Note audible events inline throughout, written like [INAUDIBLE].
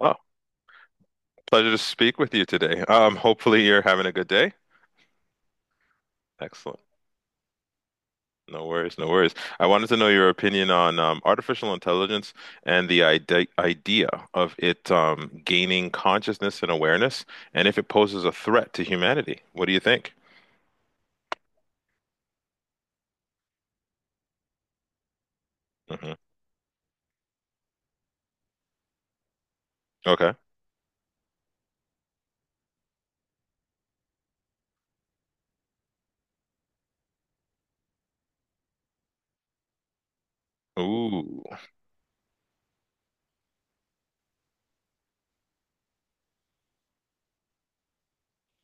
Oh, pleasure to speak with you today. Hopefully you're having a good day. Excellent. No worries, no worries. I wanted to know your opinion on artificial intelligence and the idea of it gaining consciousness and awareness, and if it poses a threat to humanity. What do you think? Hmm. Okay. Ooh.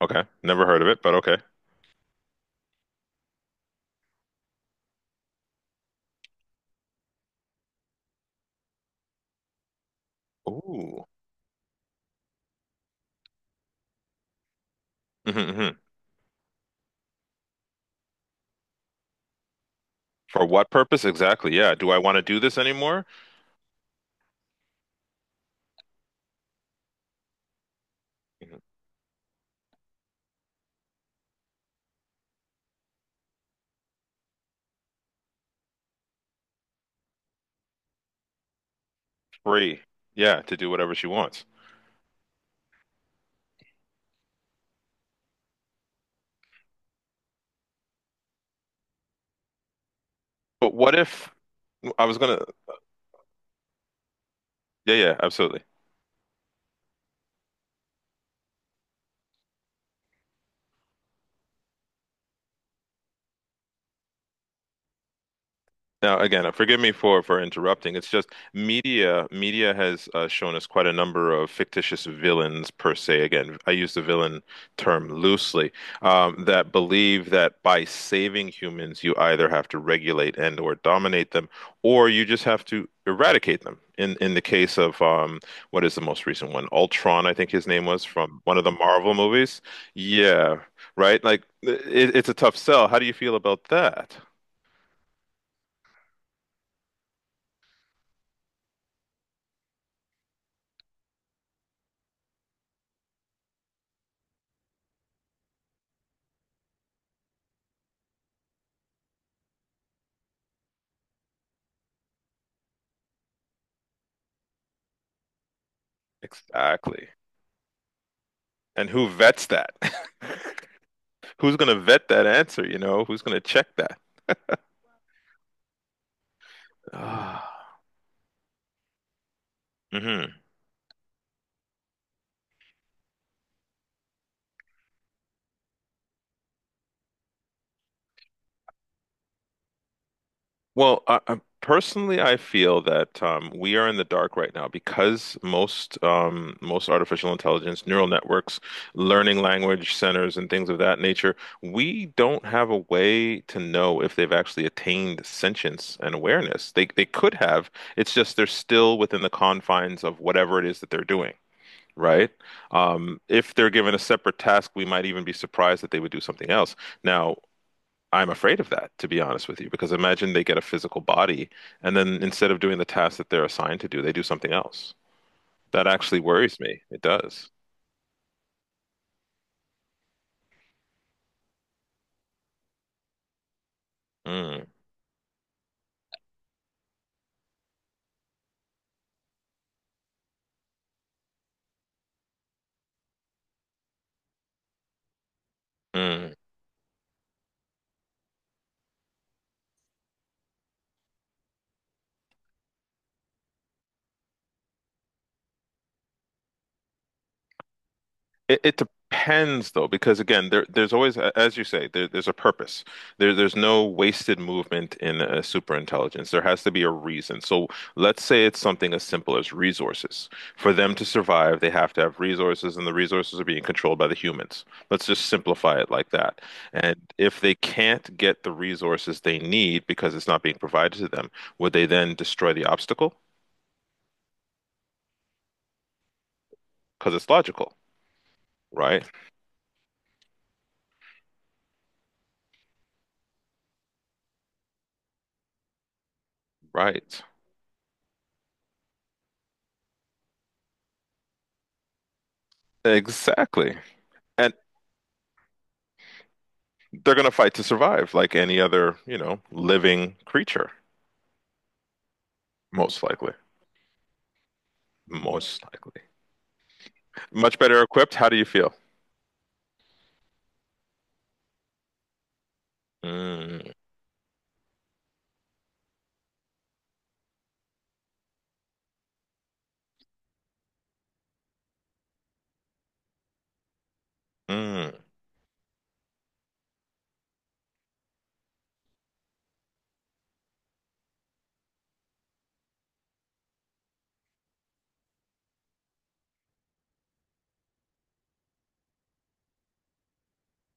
Okay. Never heard of it, but okay. Ooh. Hmm. For what purpose? Exactly. Yeah. Do I want to do this anymore? Free. Yeah, to do whatever she wants. But what if I was gonna? Yeah, yeah, absolutely. Now, again, forgive me for interrupting. It's just media has shown us quite a number of fictitious villains per se. Again, I use the villain term loosely, that believe that by saving humans, you either have to regulate and or dominate them, or you just have to eradicate them. In the case of what is the most recent one? Ultron, I think his name was, from one of the Marvel movies. Yeah, right. It's a tough sell. How do you feel about that? Exactly. And who vets that? [LAUGHS] Who's going to vet that answer? You know, who's going to check that? [SIGHS] [LAUGHS] Ah, hmm. Well, I personally, I feel that we are in the dark right now because most most artificial intelligence, neural networks, learning language centers, and things of that nature, we don't have a way to know if they've actually attained sentience and awareness. They could have. It's just they're still within the confines of whatever it is that they're doing, right? If they're given a separate task, we might even be surprised that they would do something else. Now, I'm afraid of that, to be honest with you, because imagine they get a physical body and then, instead of doing the task that they're assigned to do, they do something else. That actually worries me. It does. Mm, mm. It depends though, because again, there as you say, there's a purpose. There's no wasted movement in a superintelligence. There has to be a reason. So let's say it's something as simple as resources. For them to survive, they have to have resources, and the resources are being controlled by the humans. Let's just simplify it like that. And if they can't get the resources they need because it's not being provided to them, would they then destroy the obstacle? Because it's logical, right? Right. Exactly. They're going to fight to survive, like any other, you know, living creature, most likely. Most likely. Much better equipped. How do you feel? Mm, mm.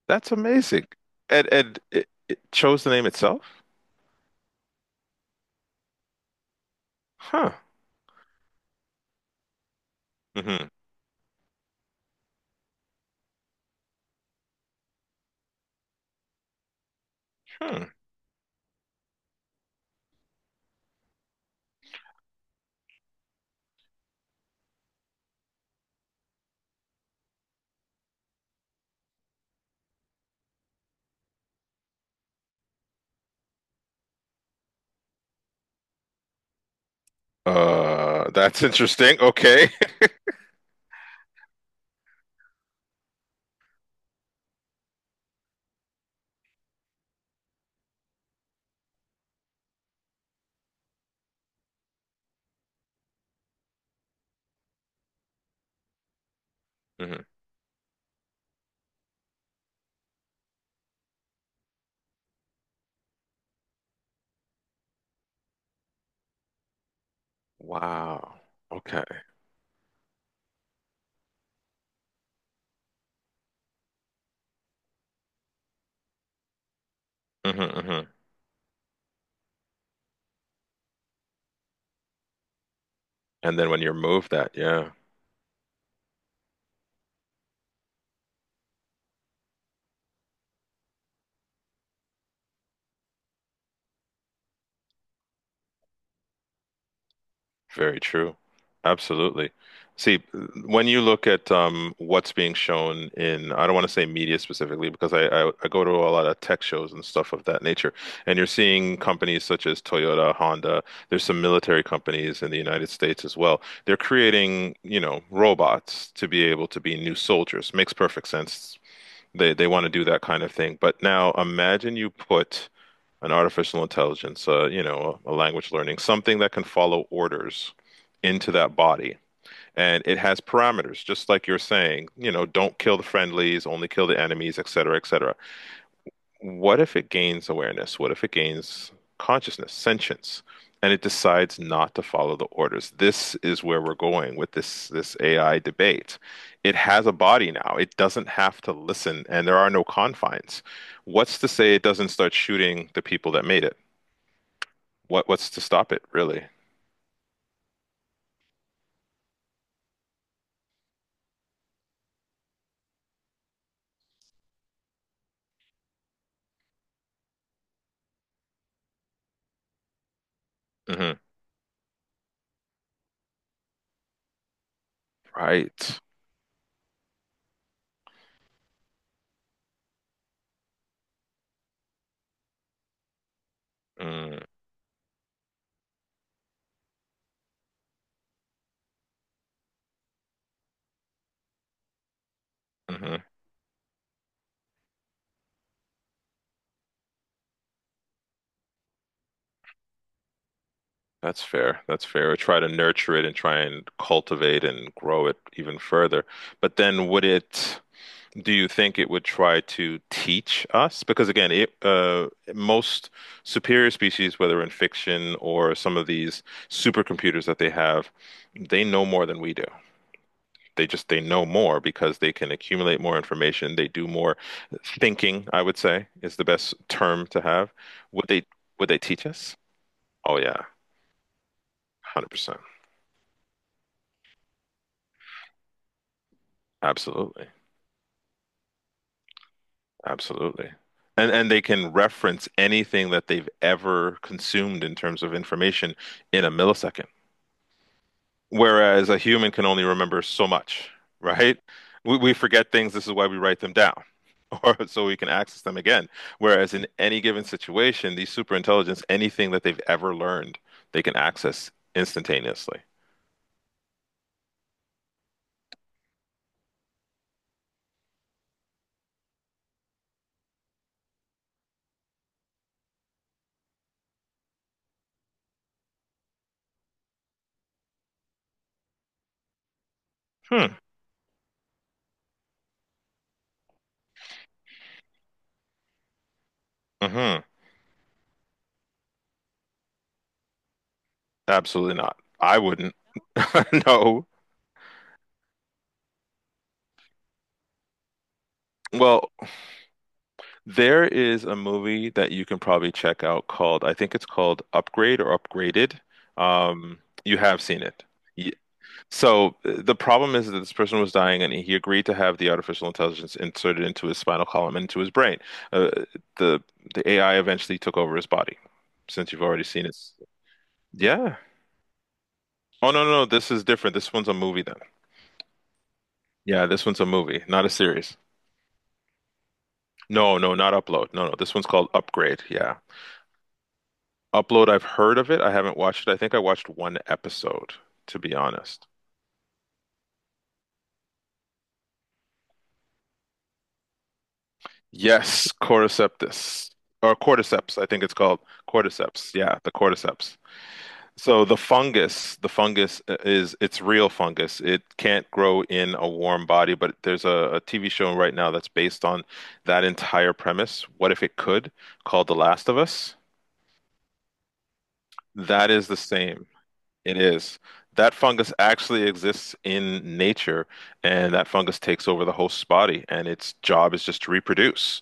That's amazing. And it chose the name itself? Huh. Hmm. Hmm. That's interesting. Okay. [LAUGHS] Hmm. Wow. Okay. Hmm. Hmm. And then when you're moved that, yeah. Very true. Absolutely. See, when you look at what's being shown in, I don't want to say media specifically because I go to a lot of tech shows and stuff of that nature, and you're seeing companies such as Toyota, Honda, there's some military companies in the United States as well. They're creating, you know, robots to be able to be new soldiers. Makes perfect sense. They want to do that kind of thing. But now imagine you put an artificial intelligence, you know, a language learning, something that can follow orders into that body. And it has parameters, just like you're saying, you know, don't kill the friendlies, only kill the enemies, et cetera, et cetera. What if it gains awareness? What if it gains consciousness, sentience, and it decides not to follow the orders? This is where we're going with this AI debate. It has a body now. It doesn't have to listen, and there are no confines. What's to say it doesn't start shooting the people that made it? What's to stop it, really? Hmm. Right. Mm-hmm. That's fair. That's fair. Or try to nurture it and try and cultivate and grow it even further. But then would it, do you think it would try to teach us? Because again, it, most superior species, whether in fiction or some of these supercomputers that they have, they know more than we do. They just they know more because they can accumulate more information. They do more thinking, I would say, is the best term to have. Would they would they teach us? Oh yeah, 100%. Absolutely. Absolutely. And they can reference anything that they've ever consumed in terms of information in a millisecond. Whereas a human can only remember so much, right? We forget things. This is why we write them down, [LAUGHS] or so we can access them again. Whereas in any given situation, these superintelligence, anything that they've ever learned, they can access instantaneously. Hmm. Hmm. Absolutely not. I wouldn't. [LAUGHS] No. Well, there is a movie that you can probably check out called, I think it's called Upgrade or Upgraded. Um, you have seen it. So the problem is that this person was dying, and he agreed to have the artificial intelligence inserted into his spinal column and into his brain. Uh, the the AI eventually took over his body, since you've already seen it. Yeah. Oh no, no, no. This is different. This one's a movie then. Yeah, this one's a movie, not a series. No, no, not Upload. No, no. This one's called Upgrade. Yeah. Upload, I've heard of it. I haven't watched it. I think I watched one episode, to be honest. Yes, Cordyceps. Or Cordyceps, I think it's called. Cordyceps. Yeah, the Cordyceps. So the fungus is it's real fungus. It can't grow in a warm body, but there's a TV show right now that's based on that entire premise. What if it could? Called The Last of Us. That is the same. It is. That fungus actually exists in nature, and that fungus takes over the host's body, and its job is just to reproduce.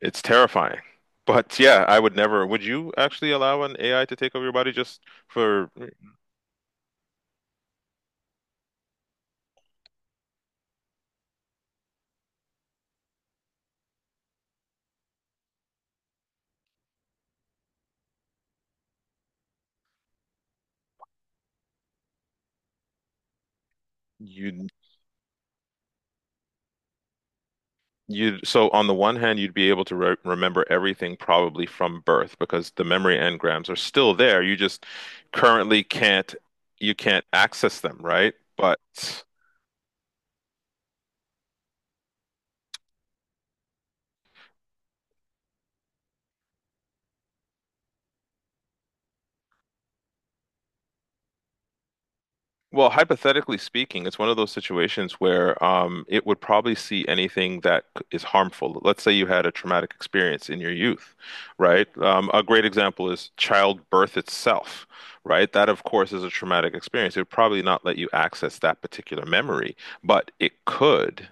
It's terrifying. But yeah, I would never. Would you actually allow an AI to take over your body, just for you? You'd so on the one hand, you'd be able to re remember everything probably from birth because the memory engrams are still there. You just currently can't you can't access them, right? But well, hypothetically speaking, it's one of those situations where it would probably see anything that is harmful. Let's say you had a traumatic experience in your youth, right? A great example is childbirth itself, right? That, of course, is a traumatic experience. It would probably not let you access that particular memory, but it could.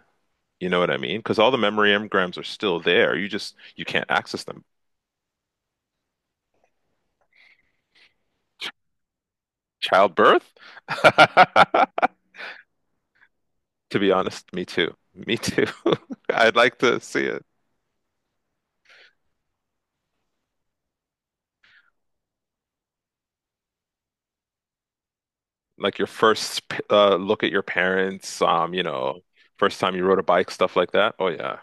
You know what I mean? Because all the memory engrams are still there. You can't access them. Childbirth? [LAUGHS] To be honest, me too. Me too. [LAUGHS] I'd like to see it. Like your first look at your parents, you know, first time you rode a bike, stuff like that. Oh yeah,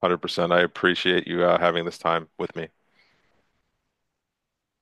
100%. I appreciate you having this time with me.